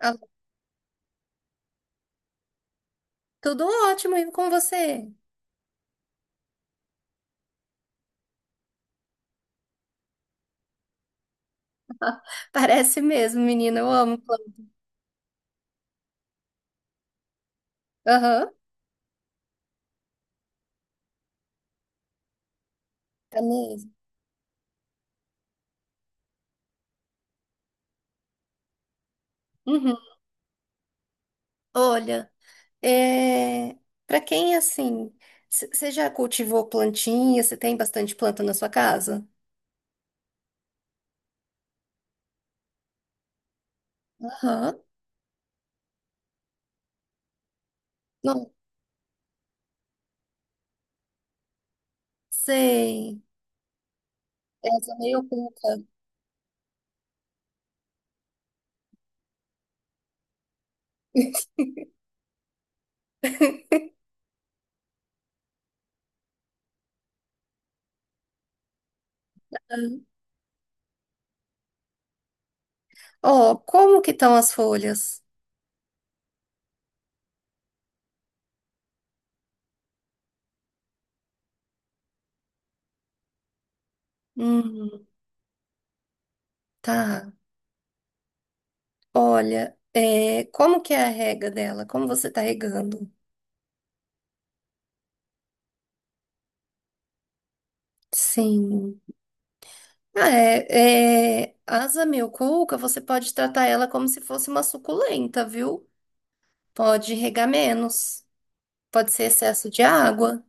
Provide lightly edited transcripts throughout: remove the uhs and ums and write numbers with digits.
Ah, tudo ótimo, e com você? Parece mesmo, menina, eu amo planta. Aham, tá mesmo. Uhum. Olha, é... para quem assim, você já cultivou plantinha? Você tem bastante planta na sua casa? Aham, não sei. Essa é meio oculta. Ó, como que estão as folhas? Hum, tá. Olha, como que é a rega dela? Como você tá regando? Sim. Ah, asa milcuca, você pode tratar ela como se fosse uma suculenta, viu? Pode regar menos, pode ser excesso de água.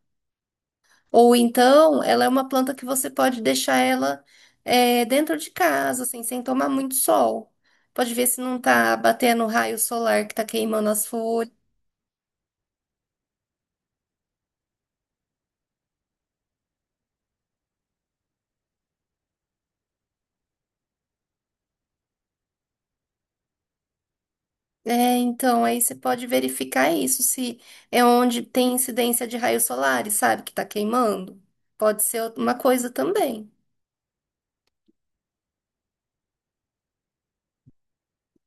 Ou então, ela é uma planta que você pode deixar ela dentro de casa, assim, sem tomar muito sol. Pode ver se não tá batendo raio solar que tá queimando as folhas. É, então, aí você pode verificar isso, se é onde tem incidência de raios solares, sabe, que tá queimando. Pode ser uma coisa também.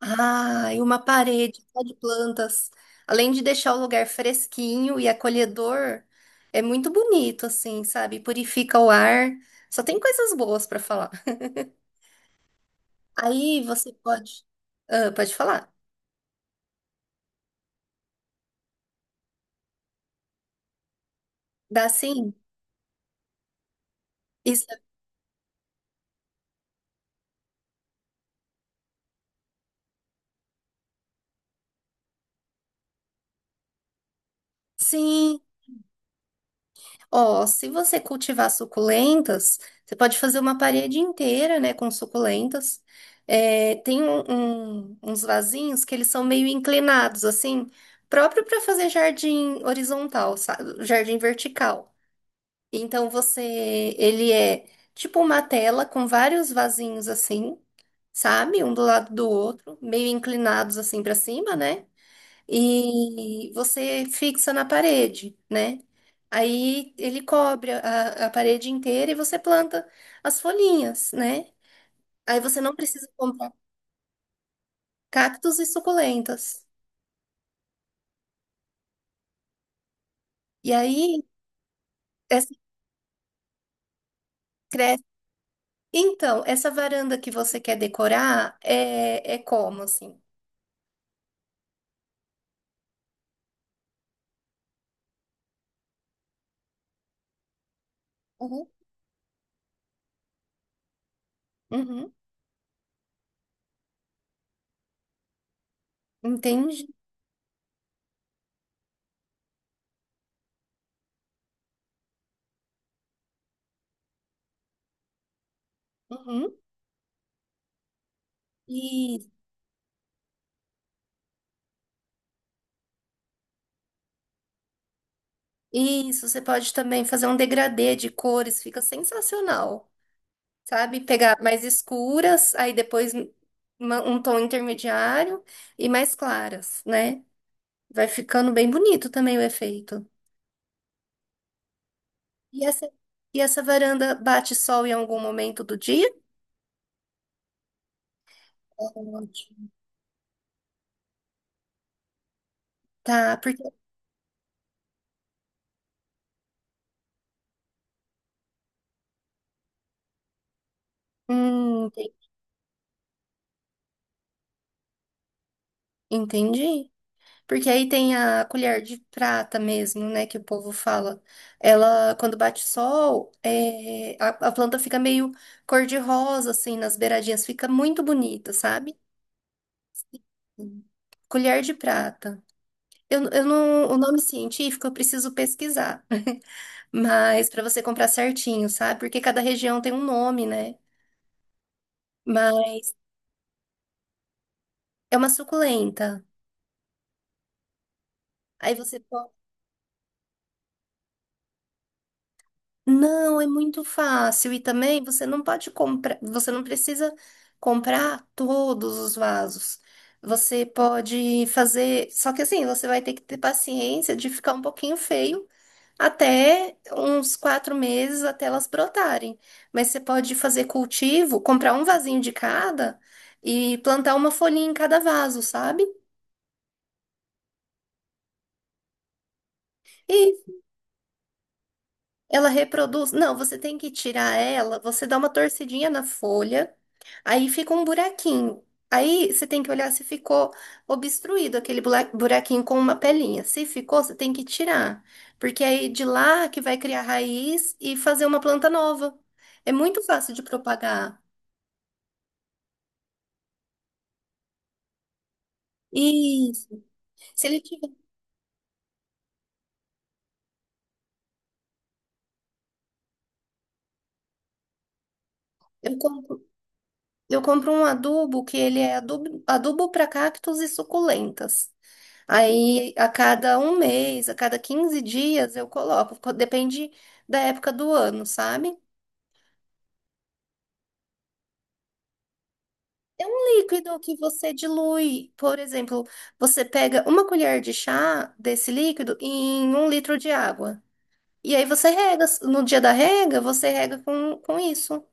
Ah, e uma parede só de plantas. Além de deixar o lugar fresquinho e acolhedor, é muito bonito, assim, sabe? Purifica o ar. Só tem coisas boas pra falar. Aí você pode. Ah, pode falar. Dá sim? Isso. Sim. Ó, se você cultivar suculentas, você pode fazer uma parede inteira, né, com suculentas. É, tem uns vasinhos que eles são meio inclinados, assim, próprio para fazer jardim horizontal, sabe? Jardim vertical. Então você, ele é tipo uma tela com vários vasinhos assim, sabe? Um do lado do outro, meio inclinados assim para cima, né? e você fixa na parede, né? Aí ele cobre a parede inteira e você planta as folhinhas, né? Aí você não precisa comprar cactos e suculentas. E aí, essa cresce. Então, essa varanda que você quer decorar é como, assim? Uhum. Uhum. Entende? Uhum. E isso, você pode também fazer um degradê de cores, fica sensacional. Sabe? Pegar mais escuras, aí depois um tom intermediário e mais claras, né? Vai ficando bem bonito também o efeito. E essa, e essa varanda bate sol em algum momento do dia? Ótimo. Tá, porque. Hum, ente- entendi. Porque aí tem a colher de prata mesmo, né? Que o povo fala. Ela, quando bate sol, a planta fica meio cor-de-rosa, assim, nas beiradinhas. Fica muito bonita, sabe? Colher de prata. Eu não, o nome científico eu preciso pesquisar, mas para você comprar certinho, sabe? Porque cada região tem um nome, né? Mas é uma suculenta. Aí você Não, é muito fácil. E também você não pode comprar, você não precisa comprar todos os vasos. Você pode fazer, só que assim, você vai ter que ter paciência de ficar um pouquinho feio até uns 4 meses até elas brotarem. Mas você pode fazer cultivo, comprar um vasinho de cada e plantar uma folhinha em cada vaso, sabe? E ela reproduz. Não, você tem que tirar ela, você dá uma torcidinha na folha. Aí fica um buraquinho. Aí você tem que olhar se ficou obstruído aquele buraquinho com uma pelinha. Se ficou, você tem que tirar, porque é aí de lá que vai criar raiz e fazer uma planta nova. É muito fácil de propagar. Isso. Se ele tiver, eu compro, eu compro um adubo que ele é adubo para cactos e suculentas. Aí a cada um mês, a cada 15 dias eu coloco, depende da época do ano, sabe? É um líquido que você dilui. Por exemplo, você pega uma colher de chá desse líquido em um litro de água. E aí você rega. No dia da rega, você rega com isso.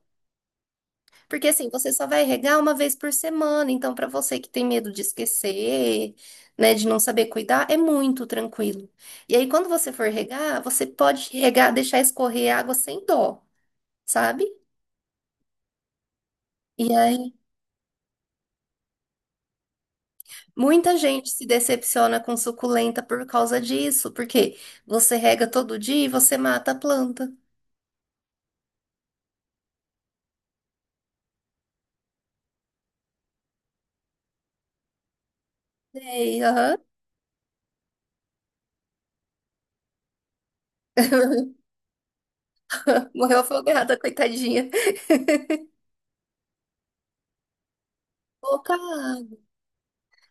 Porque assim, você só vai regar uma vez por semana. Então, para você que tem medo de esquecer, né, de não saber cuidar, é muito tranquilo. E aí, quando você for regar, você pode regar, deixar escorrer a água sem dó, sabe? E aí muita gente se decepciona com suculenta por causa disso, porque você rega todo dia e você mata a planta. Sei, aham. Morreu afogada, coitadinha. Pouca água.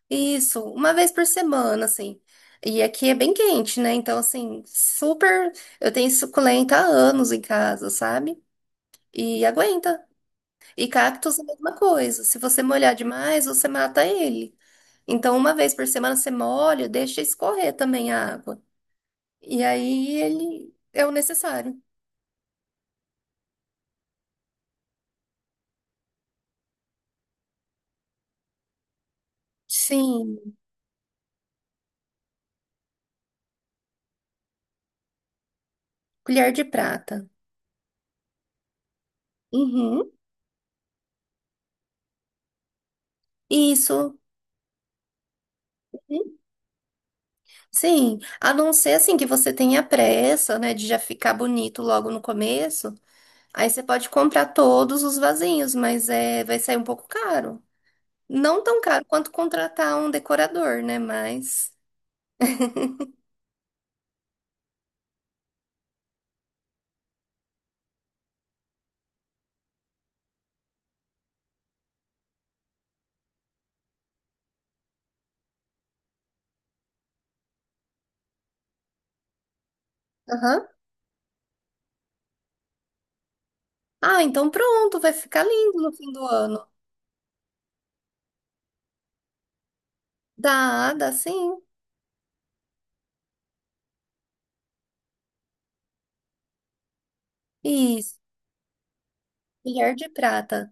Isso, uma vez por semana, assim. E aqui é bem quente, né? Então, assim, super. Eu tenho suculenta há anos em casa, sabe? E aguenta. E cactos é a mesma coisa. Se você molhar demais, você mata ele. Então, uma vez por semana você molha, deixa escorrer também a água. E aí ele é o necessário. Sim, colher de prata. Uhum, isso. Uhum. Sim, a não ser assim que você tenha pressa, né, de já ficar bonito logo no começo, aí você pode comprar todos os vasinhos, mas é, vai sair um pouco caro. Não tão caro quanto contratar um decorador, né, mas... Aham. Ah, então pronto, vai ficar lindo no fim do ano. Dá, dá sim. Isso, colher de prata,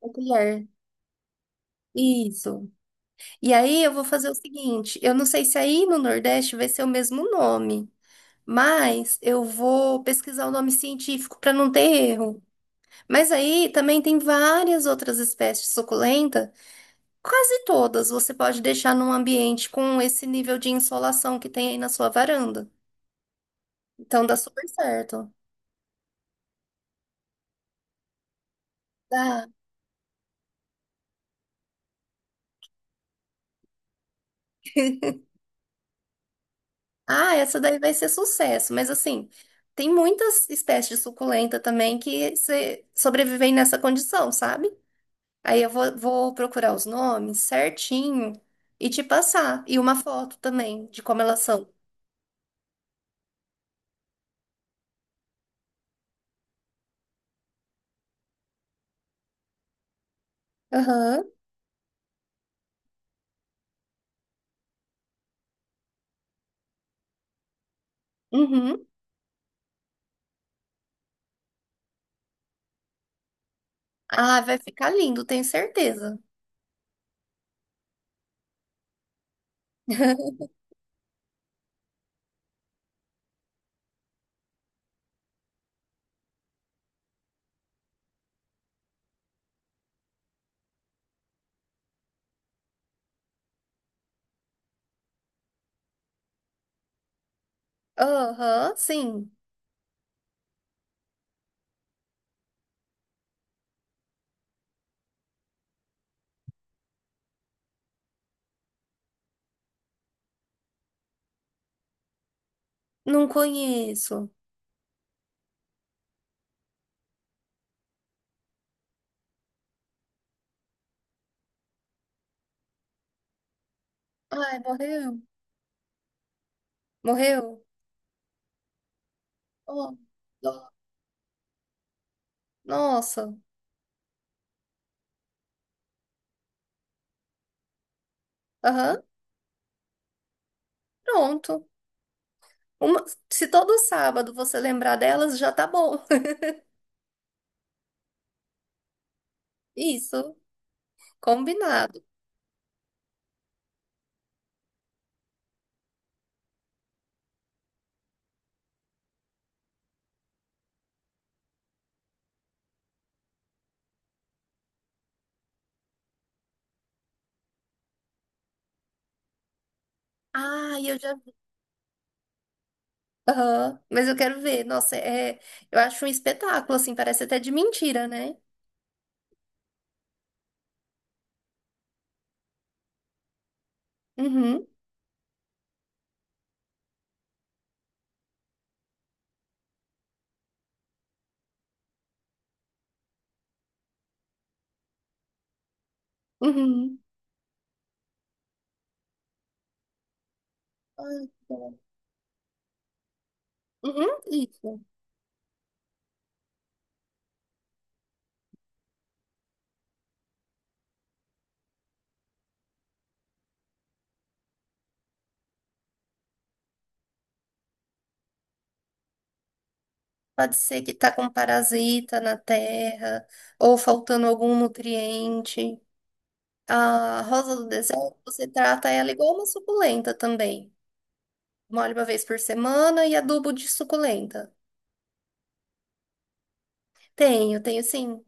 o colher. Isso. E aí eu vou fazer o seguinte, eu não sei se aí no Nordeste vai ser o mesmo nome, mas eu vou pesquisar o nome científico para não ter erro. Mas aí também tem várias outras espécies de suculenta, quase todas você pode deixar num ambiente com esse nível de insolação que tem aí na sua varanda. Então dá super certo. Dá. Ah, essa daí vai ser sucesso, mas assim, tem muitas espécies de suculenta também que sobrevivem nessa condição, sabe? Aí eu vou procurar os nomes certinho e te passar. E uma foto também de como elas são. Aham. Uhum. Ah, vai ficar lindo, tenho certeza. Aham, sim. Não conheço. Ai, morreu. Morreu? Oh, dó. Nossa. Aham, pronto. Uma- Se todo sábado você lembrar delas, já tá bom. Isso, combinado. Ah, eu já Aham, mas eu quero ver. Nossa, é, eu acho um espetáculo, assim, parece até de mentira, né? Uhum, uhum. Ai, que bom. Uhum, isso. Pode ser que tá com parasita na terra, ou faltando algum nutriente. A rosa do deserto, você trata ela igual uma suculenta também. Molha uma vez por semana e adubo de suculenta. Tenho, tenho sim.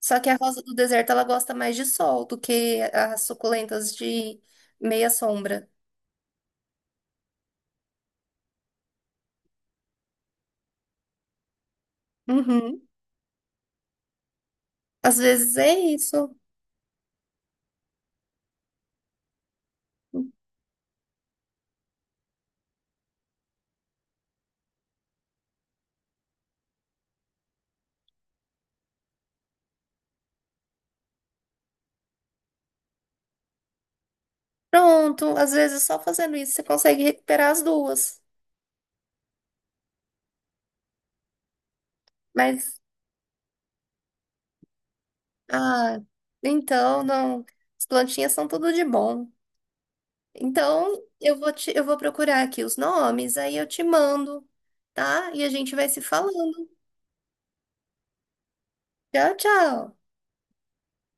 Só que a rosa do deserto, ela gosta mais de sol do que as suculentas de meia sombra. Uhum. Às vezes é isso. Pronto, às vezes só fazendo isso você consegue recuperar as duas. Mas, ah, então não. As plantinhas são tudo de bom. Então, eu vou procurar aqui os nomes, aí eu te mando, tá? E a gente vai se falando. Tchau, tchau.